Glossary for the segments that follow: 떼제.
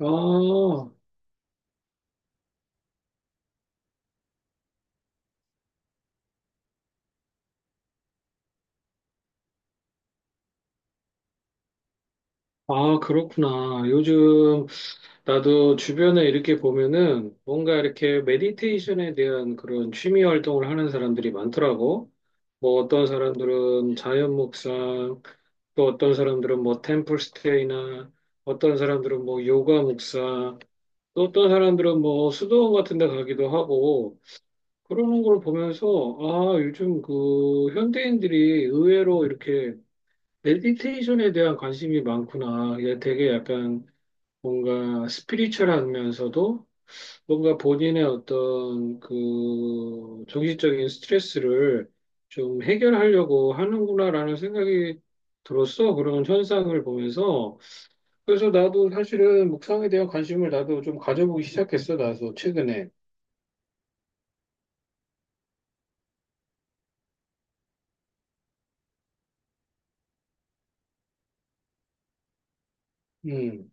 아, 아, 그렇구나. 요즘 나도 주변에 이렇게 보면은 뭔가 이렇게 메디테이션에 대한 그런 취미 활동을 하는 사람들이 많더라고. 뭐 어떤 사람들은 자연 묵상, 또 어떤 사람들은 뭐 템플 스테이나 어떤 사람들은 뭐 요가 묵상, 또 어떤 사람들은 뭐 수도원 같은 데 가기도 하고 그러는 걸 보면서 아, 요즘 그 현대인들이 의외로 이렇게 메디테이션에 대한 관심이 많구나. 이게 되게 약간 뭔가 스피리추얼하면서도 뭔가 본인의 어떤 그 정신적인 스트레스를 좀 해결하려고 하는구나라는 생각이 들었어. 그런 현상을 보면서. 그래서 나도 사실은 묵상에 대한 관심을 나도 좀 가져보기 시작했어. 나도 최근에. 음.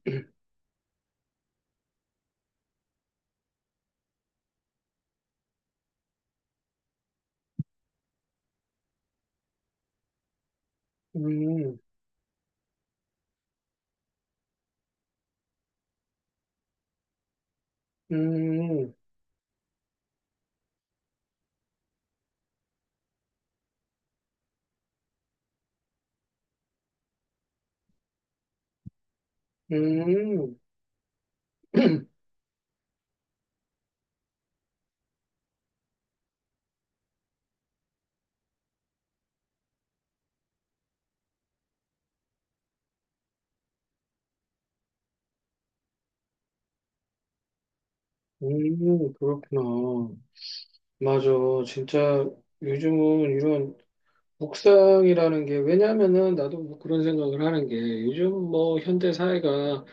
음. 음. 음. 음. 그렇구나. 맞아. 진짜 요즘은 이런 묵상이라는 게 왜냐면은 나도 뭐 그런 생각을 하는 게 요즘 뭐 현대 사회가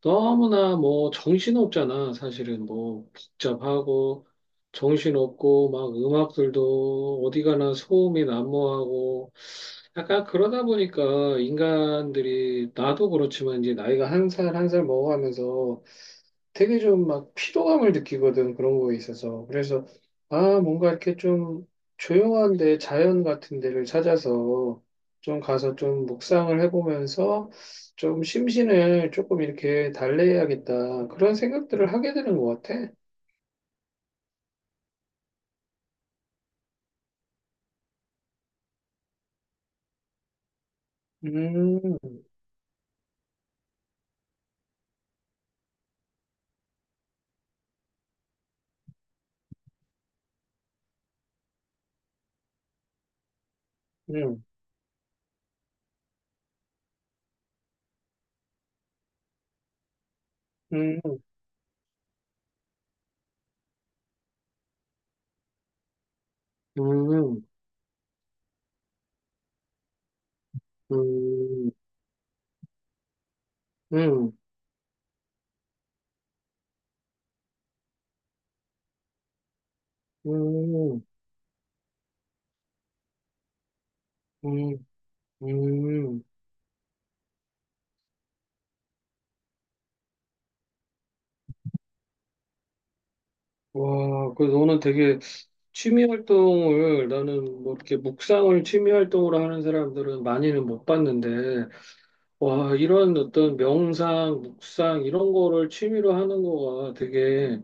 너무나 뭐 정신없잖아. 사실은 뭐 복잡하고 정신없고 막 음악들도 어디 가나 소음이 난무하고 약간 그러다 보니까 인간들이 나도 그렇지만 이제 나이가 한 살 한 살 먹어가면서 되게 좀 막 피로감을 느끼거든, 그런 거에 있어서. 그래서, 아, 뭔가 이렇게 좀 조용한 데, 자연 같은 데를 찾아서 좀 가서 좀 묵상을 해보면서 좀 심신을 조금 이렇게 달래야겠다. 그런 생각들을 하게 되는 것 같아. 음. 음. 음. 음. 음. 음. 음. 음. 음. 음. 와, 그 너는 되게 취미 활동을 나는 뭐 이렇게 묵상을 취미 활동으로 하는 사람들은 많이는 못 봤는데 와 이런 어떤 명상, 묵상 이런 거를 취미로 하는 거가 되게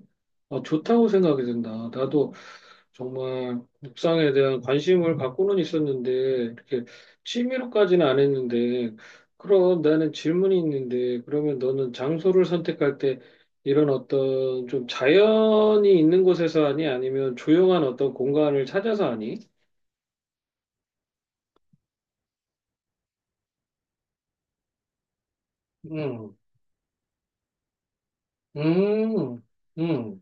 어, 좋다고 생각이 든다. 나도 정말 묵상에 대한 관심을 갖고는 있었는데 이렇게 취미로까지는 안 했는데 그럼 나는 질문이 있는데 그러면 너는 장소를 선택할 때 이런 어떤 좀 자연이 있는 곳에서 하니 아니면 조용한 어떤 공간을 찾아서 하니? 음. 음. 음.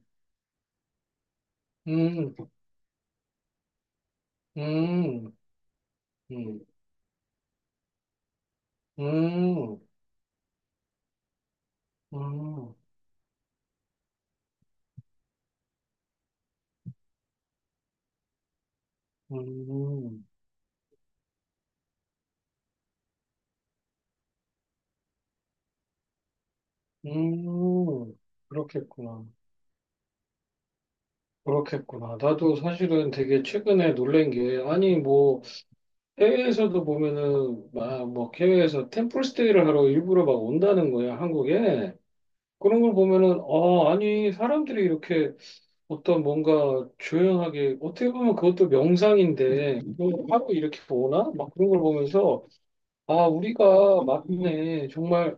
음. 음. 음. 음. 음. 음. 음. 그렇겠구나. 그렇겠구나. 나도 사실은 되게 최근에 놀란 게, 아니, 뭐, 해외에서도 보면은, 막, 뭐, 해외에서 템플스테이를 하러 일부러 막 온다는 거야, 한국에. 그런 걸 보면은, 아, 아니, 사람들이 이렇게 어떤 뭔가 조용하게, 어떻게 보면 그것도 명상인데, 그걸 하고 이렇게 오나? 막 그런 걸 보면서, 아, 우리가 맞네. 정말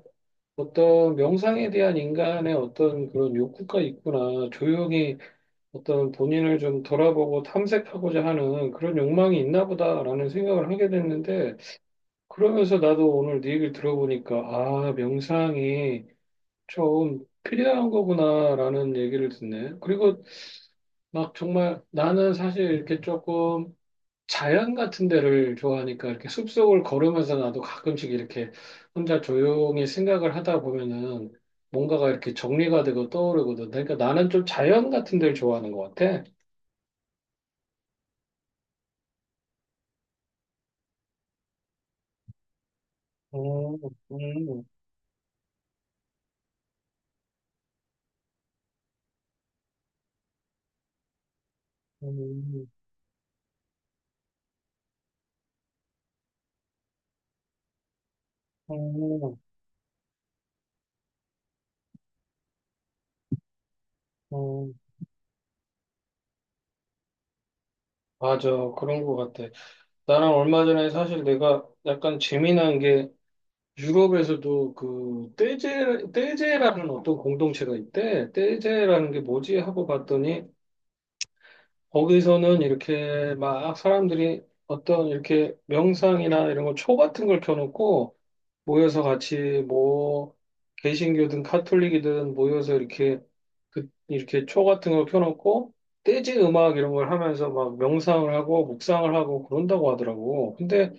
어떤 명상에 대한 인간의 어떤 그런 욕구가 있구나. 조용히 어떤 본인을 좀 돌아보고 탐색하고자 하는 그런 욕망이 있나 보다라는 생각을 하게 됐는데, 그러면서 나도 오늘 네 얘기를 들어보니까, 아, 명상이 좀 필요한 거구나라는 얘기를 듣네. 그리고 막 정말 나는 사실 이렇게 조금 자연 같은 데를 좋아하니까 이렇게 숲속을 걸으면서 나도 가끔씩 이렇게 혼자 조용히 생각을 하다 보면은 뭔가가 이렇게 정리가 되고 떠오르거든. 그러니까 나는 좀 자연 같은 데를 좋아하는 것 같아. 음. 음. 음. 음. 음. 맞아. 그런 것 같아. 나랑 얼마 전에 사실 내가 약간 재미난 게 유럽에서도 그 떼제, 떼제라는 어떤 공동체가 있대. 떼제라는 게 뭐지? 하고 봤더니 거기서는 이렇게 막 사람들이 어떤 이렇게 명상이나 이런 거 초 같은 걸 켜놓고 모여서 같이 뭐 개신교든 카톨릭이든 모여서 이렇게 그 이렇게 초 같은 걸 켜놓고 재즈 음악 이런 걸 하면서 막 명상을 하고 묵상을 하고 그런다고 하더라고. 근데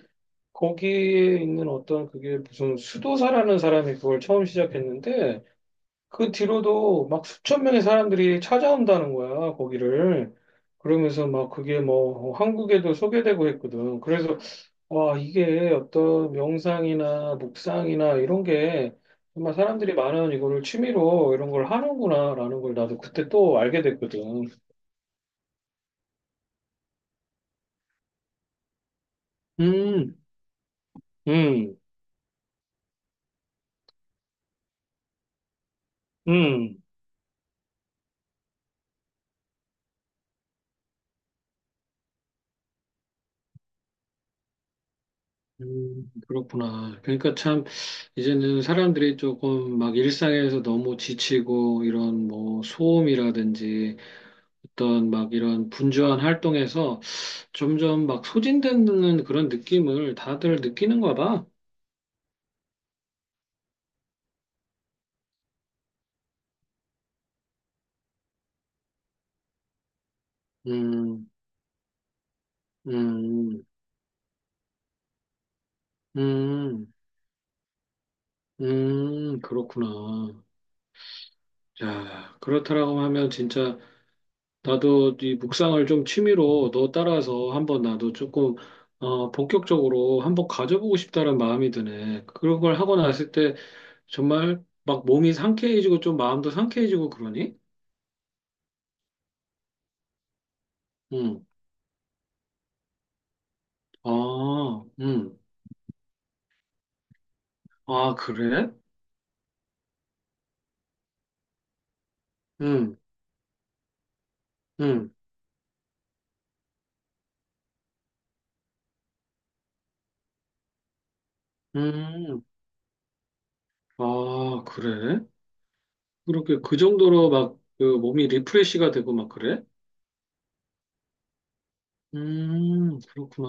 거기에 있는 어떤 그게 무슨 수도사라는 사람이 그걸 처음 시작했는데 그 뒤로도 막 수천 명의 사람들이 찾아온다는 거야, 거기를. 그러면서 막 그게 뭐 한국에도 소개되고 했거든. 그래서 와, 이게 어떤 명상이나 묵상이나 이런 게 정말 사람들이 많은 이거를 취미로 이런 걸 하는구나라는 걸 나도 그때 또 알게 됐거든. 음. 음. 음. 음. 그렇구나. 그러니까 참 이제는 사람들이 조금 막 일상에서 너무 지치고 이런 뭐 소음이라든지 어떤 막 이런 분주한 활동에서 점점 막 소진되는 그런 느낌을 다들 느끼는가 봐. 음. 음. 음. 음. 그렇구나. 야, 그렇다라고 하면 진짜 나도 이 묵상을 좀 취미로 너 따라서 한번 나도 조금 어, 본격적으로 한번 가져보고 싶다는 마음이 드네. 그런 걸 하고 났을 때 정말 막 몸이 상쾌해지고 좀 마음도 상쾌해지고 그러니? 응. 아, 응. 아, 그래? 응. 응. 음. 아, 그래? 그렇게 그 정도로 막 그 몸이 리프레시가 되고 막 그래? 음. 그렇구나.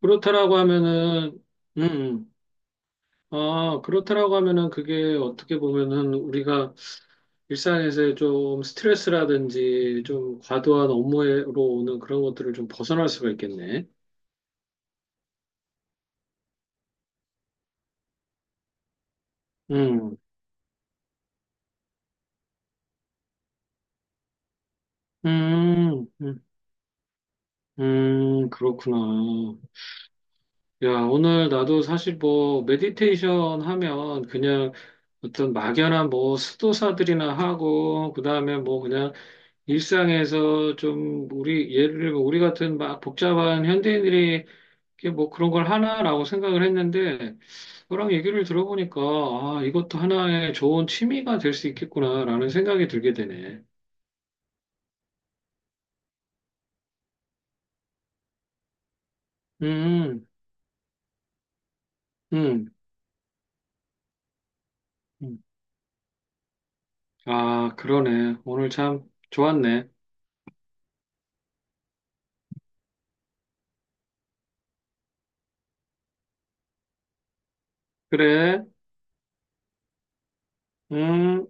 그렇다라고 하면은, 음. 음. 아, 그렇다라고 하면은 그게 어떻게 보면은 우리가 일상에서 좀 스트레스라든지 좀 과도한 업무로 오는 그런 것들을 좀 벗어날 수가 있겠네. 음. 음. 음. 음. 그렇구나. 야, 오늘 나도 사실 뭐, 메디테이션 하면 그냥 어떤 막연한 뭐 수도사들이나 하고, 그 다음에 뭐 그냥 일상에서 좀 우리 예를 들면 우리 같은 막 복잡한 현대인들이 이게 뭐 그런 걸 하나라고 생각을 했는데 너랑 얘기를 들어보니까 아 이것도 하나의 좋은 취미가 될 수 있겠구나라는 생각이 들게 되네. 음. 음. 음. 아 그러네. 오늘 참 좋았네. 그래. 음.